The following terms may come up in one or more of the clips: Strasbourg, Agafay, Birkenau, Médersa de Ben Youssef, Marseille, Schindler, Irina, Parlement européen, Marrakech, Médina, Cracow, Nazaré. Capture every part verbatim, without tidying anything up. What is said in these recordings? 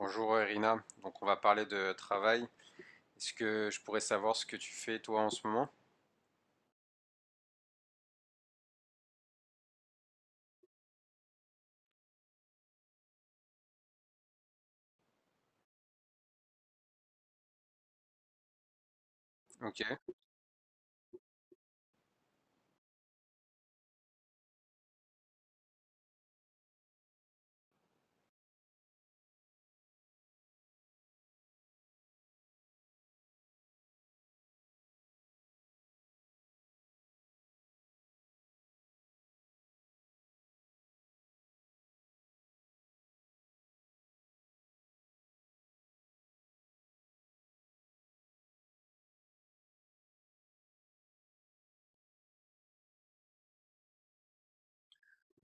Bonjour Irina, donc on va parler de travail. Est-ce que je pourrais savoir ce que tu fais toi en ce moment? Ok.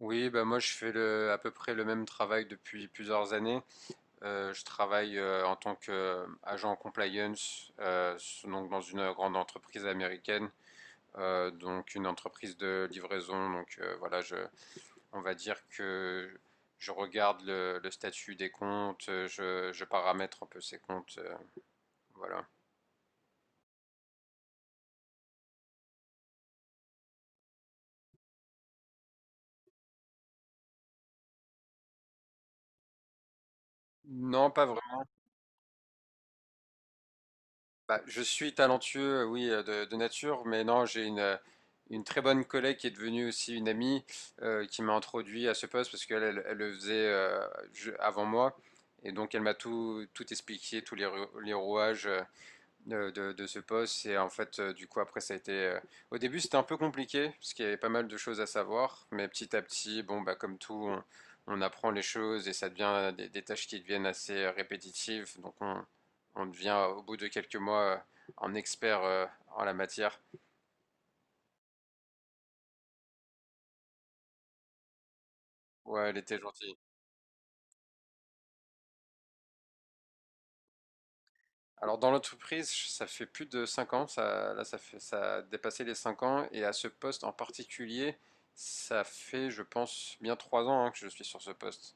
Oui, bah moi je fais le- à peu près le même travail depuis plusieurs années. Euh, je travaille euh, en tant qu'agent compliance, euh, s- donc dans une grande entreprise américaine, euh, donc une entreprise de livraison. Donc euh, voilà, je, on va dire que je regarde le, le statut des comptes, euh, je, je paramètre un peu ces comptes, euh, voilà. Non, pas. Bah, je suis talentueux, euh, oui, euh, de, de nature, mais non, j'ai une, euh, une très bonne collègue qui est devenue aussi une amie euh, qui m'a introduit à ce poste parce qu'elle elle, elle le faisait euh, je- avant moi. Et donc, elle m'a tout, tout expliqué, tous les, rou- les rouages euh, de, de- de ce poste. Et en fait, euh, du coup, après, ça a été. Euh, au début, c'était un peu compliqué, parce qu'il y avait pas mal de choses à savoir. Mais petit à petit, bon, bah, comme tout, on, on apprend les choses et ça devient des, des tâches qui deviennent assez euh, répétitives. Donc, on, on devient, au bout de quelques mois, euh, un expert euh, en la matière. Ouais, elle était gentille. Alors, dans l'entreprise, ça fait plus de cinq ans. Ça, là, ça fait, ça a dépassé les cinq ans. Et à ce poste en particulier, ça fait, je pense, bien trois ans hein, que je suis sur ce poste.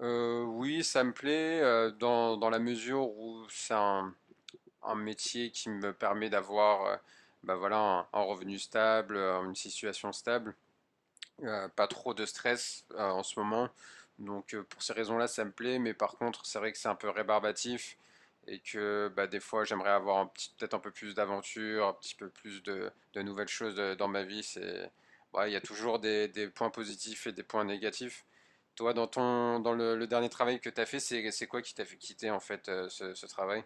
Euh, oui, ça me plaît euh, dans, dans la mesure où c'est un, un métier qui me permet d'avoir euh, bah voilà, un, un revenu stable, euh, une situation stable, euh, pas trop de stress euh, en ce moment. Donc euh, pour ces raisons-là, ça me plaît, mais par contre, c'est vrai que c'est un peu rébarbatif et que bah, des fois, j'aimerais avoir un petit- peut-être un peu plus d'aventure, un petit peu plus de, de nouvelles choses euh, dans ma vie. C'est, bah, il y a toujours des des points positifs et des points négatifs. Toi, dans ton, dans le, le dernier travail que tu as fait, c'est, c'est quoi qui t'a fait quitter en fait euh, ce, ce travail?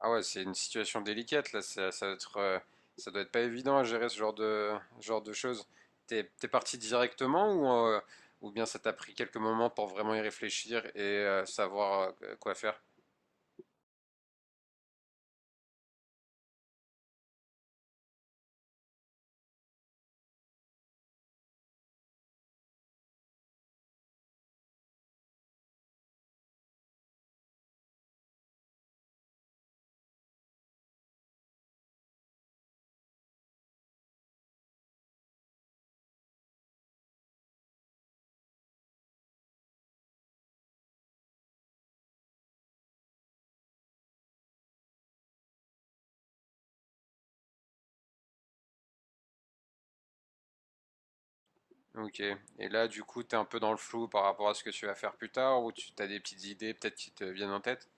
Ah ouais, c'est une situation délicate là, ça, ça doit être, euh, ça doit être pas évident à gérer ce genre de, genre de choses. T'es, t'es parti directement ou, euh, ou bien ça t'a pris quelques moments pour vraiment y réfléchir et euh, savoir euh, quoi faire? Ok. Et là, du coup, t'es un peu dans le flou par rapport à ce que tu vas faire plus tard ou tu as des petites idées peut-être qui te viennent en tête?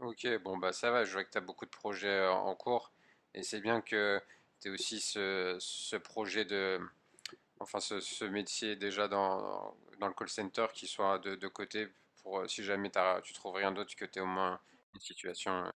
Ok, bon bah ça va, je vois que tu as beaucoup de projets euh, en cours et c'est bien que tu aies aussi ce, ce projet de, enfin ce, ce métier déjà dans, dans le call center qui soit de, de côté pour euh, si jamais t'as- tu trouves rien d'autre que tu aies au moins une situation. Euh.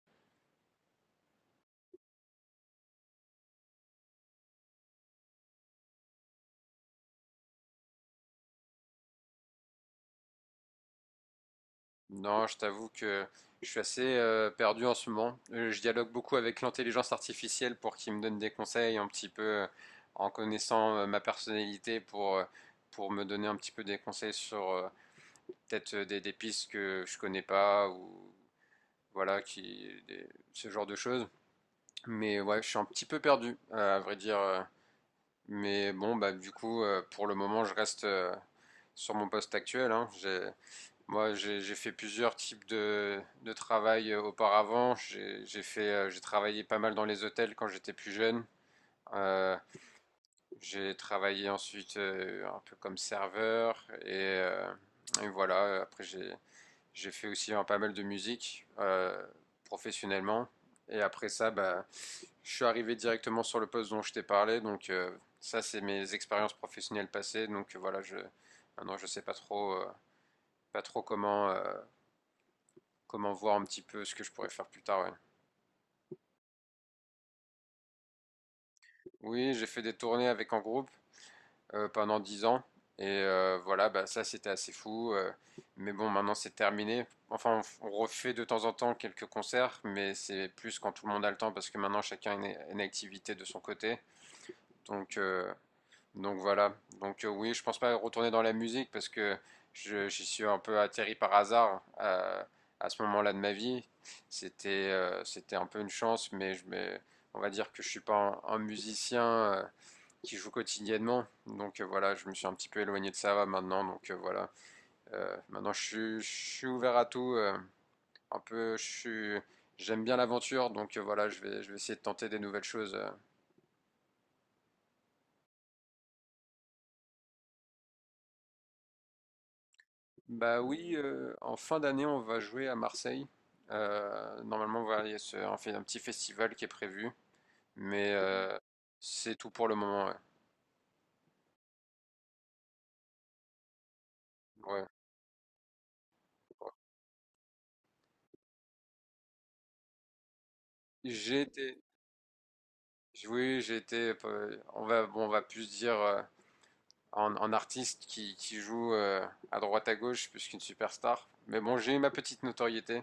Non, je t'avoue que je suis assez euh, perdu en ce moment. Euh, Je dialogue beaucoup avec l'intelligence artificielle pour qu'il me donne des conseils un petit peu euh, en connaissant euh, ma personnalité pour, euh, pour me donner un petit peu des conseils sur euh, peut-être euh, des, des pistes que je connais pas ou voilà, qui, des- ce genre de choses. Mais ouais, je suis un petit peu perdu, euh, à vrai dire. Euh. Mais bon, bah du coup, euh, pour le moment, je reste euh, sur mon poste actuel, hein. J'ai, moi, j'ai j'ai fait plusieurs types de, de travail euh, auparavant. J'ai j'ai fait, euh, j'ai travaillé pas mal dans les hôtels quand j'étais plus jeune. Euh, j'ai travaillé ensuite euh, un peu comme serveur et, euh, et voilà. Après, j'ai j'ai fait aussi hein, pas mal de musique euh, professionnellement. Et après ça, bah, je suis arrivé directement sur le poste dont je t'ai parlé. Donc euh, ça, c'est mes expériences professionnelles passées. Donc euh, voilà, je, maintenant je sais pas trop, euh, pas trop comment, euh, comment voir un petit peu ce que je pourrais faire plus tard, ouais. Oui, j'ai fait des tournées avec en groupe, euh, pendant dix ans. Et euh, voilà, bah, ça c'était assez fou, euh, mais bon, maintenant c'est terminé. Enfin, on, on refait de temps en temps quelques concerts, mais c'est plus quand tout le monde a le temps parce que maintenant chacun a une, une activité de son côté. Donc, euh, donc voilà. Donc euh, oui, je pense pas retourner dans la musique parce que je- j'y suis un peu atterri par hasard à, à ce moment-là de ma vie. C'était euh, c'était un peu une chance, mais je, mais on va dire que je suis pas un, un musicien euh, qui joue quotidiennement. Donc euh, voilà, je me suis un petit peu éloigné de ça maintenant. Donc euh, voilà, Euh, maintenant je suis, je suis ouvert à tout, euh, un peu, je suis, j'aime bien l'aventure. Donc euh, voilà, je vais, je vais essayer de tenter des nouvelles choses. Euh. Bah oui, euh, en fin d'année, on va jouer à Marseille. Euh, normalement, voilà, il y a ce- on fait un petit festival qui est prévu. Mais euh, c'est tout pour le moment. Ouais. Ouais. J'ai été, oui, j'ai été. euh, On va, bon, on va plus dire euh, en, en artiste qui, qui joue euh, à droite à gauche plus qu'une superstar. Mais bon, j'ai eu ma petite notoriété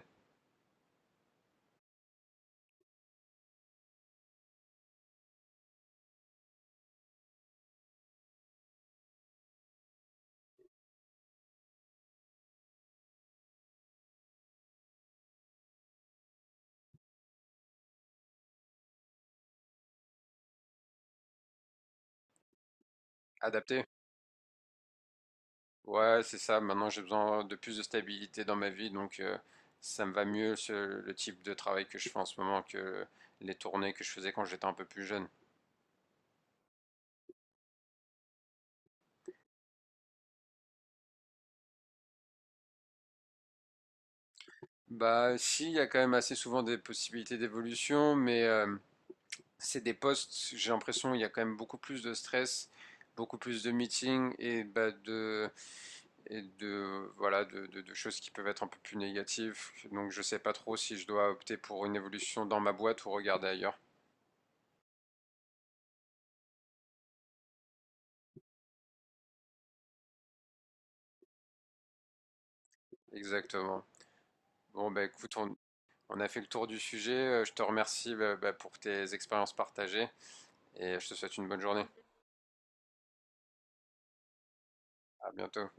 adaptée. Ouais, c'est ça. Maintenant, j'ai besoin de plus de stabilité dans ma vie, donc euh, ça me va mieux ce- le type de travail que je fais en ce moment que les tournées que je faisais quand j'étais un peu plus jeune. Bah, si, il y a quand même assez souvent des possibilités d'évolution, mais euh, c'est des postes, j'ai l'impression, il y a quand même beaucoup plus de stress, beaucoup plus de meetings et bah, de et de voilà de, de- de choses qui peuvent être un peu plus négatives. Donc je sais pas trop si je dois opter pour une évolution dans ma boîte ou regarder ailleurs. Exactement. Bon bah écoute, on, on a fait le tour du sujet. Euh, Je te remercie bah, bah, pour tes expériences partagées et je te souhaite une bonne journée. À bientôt.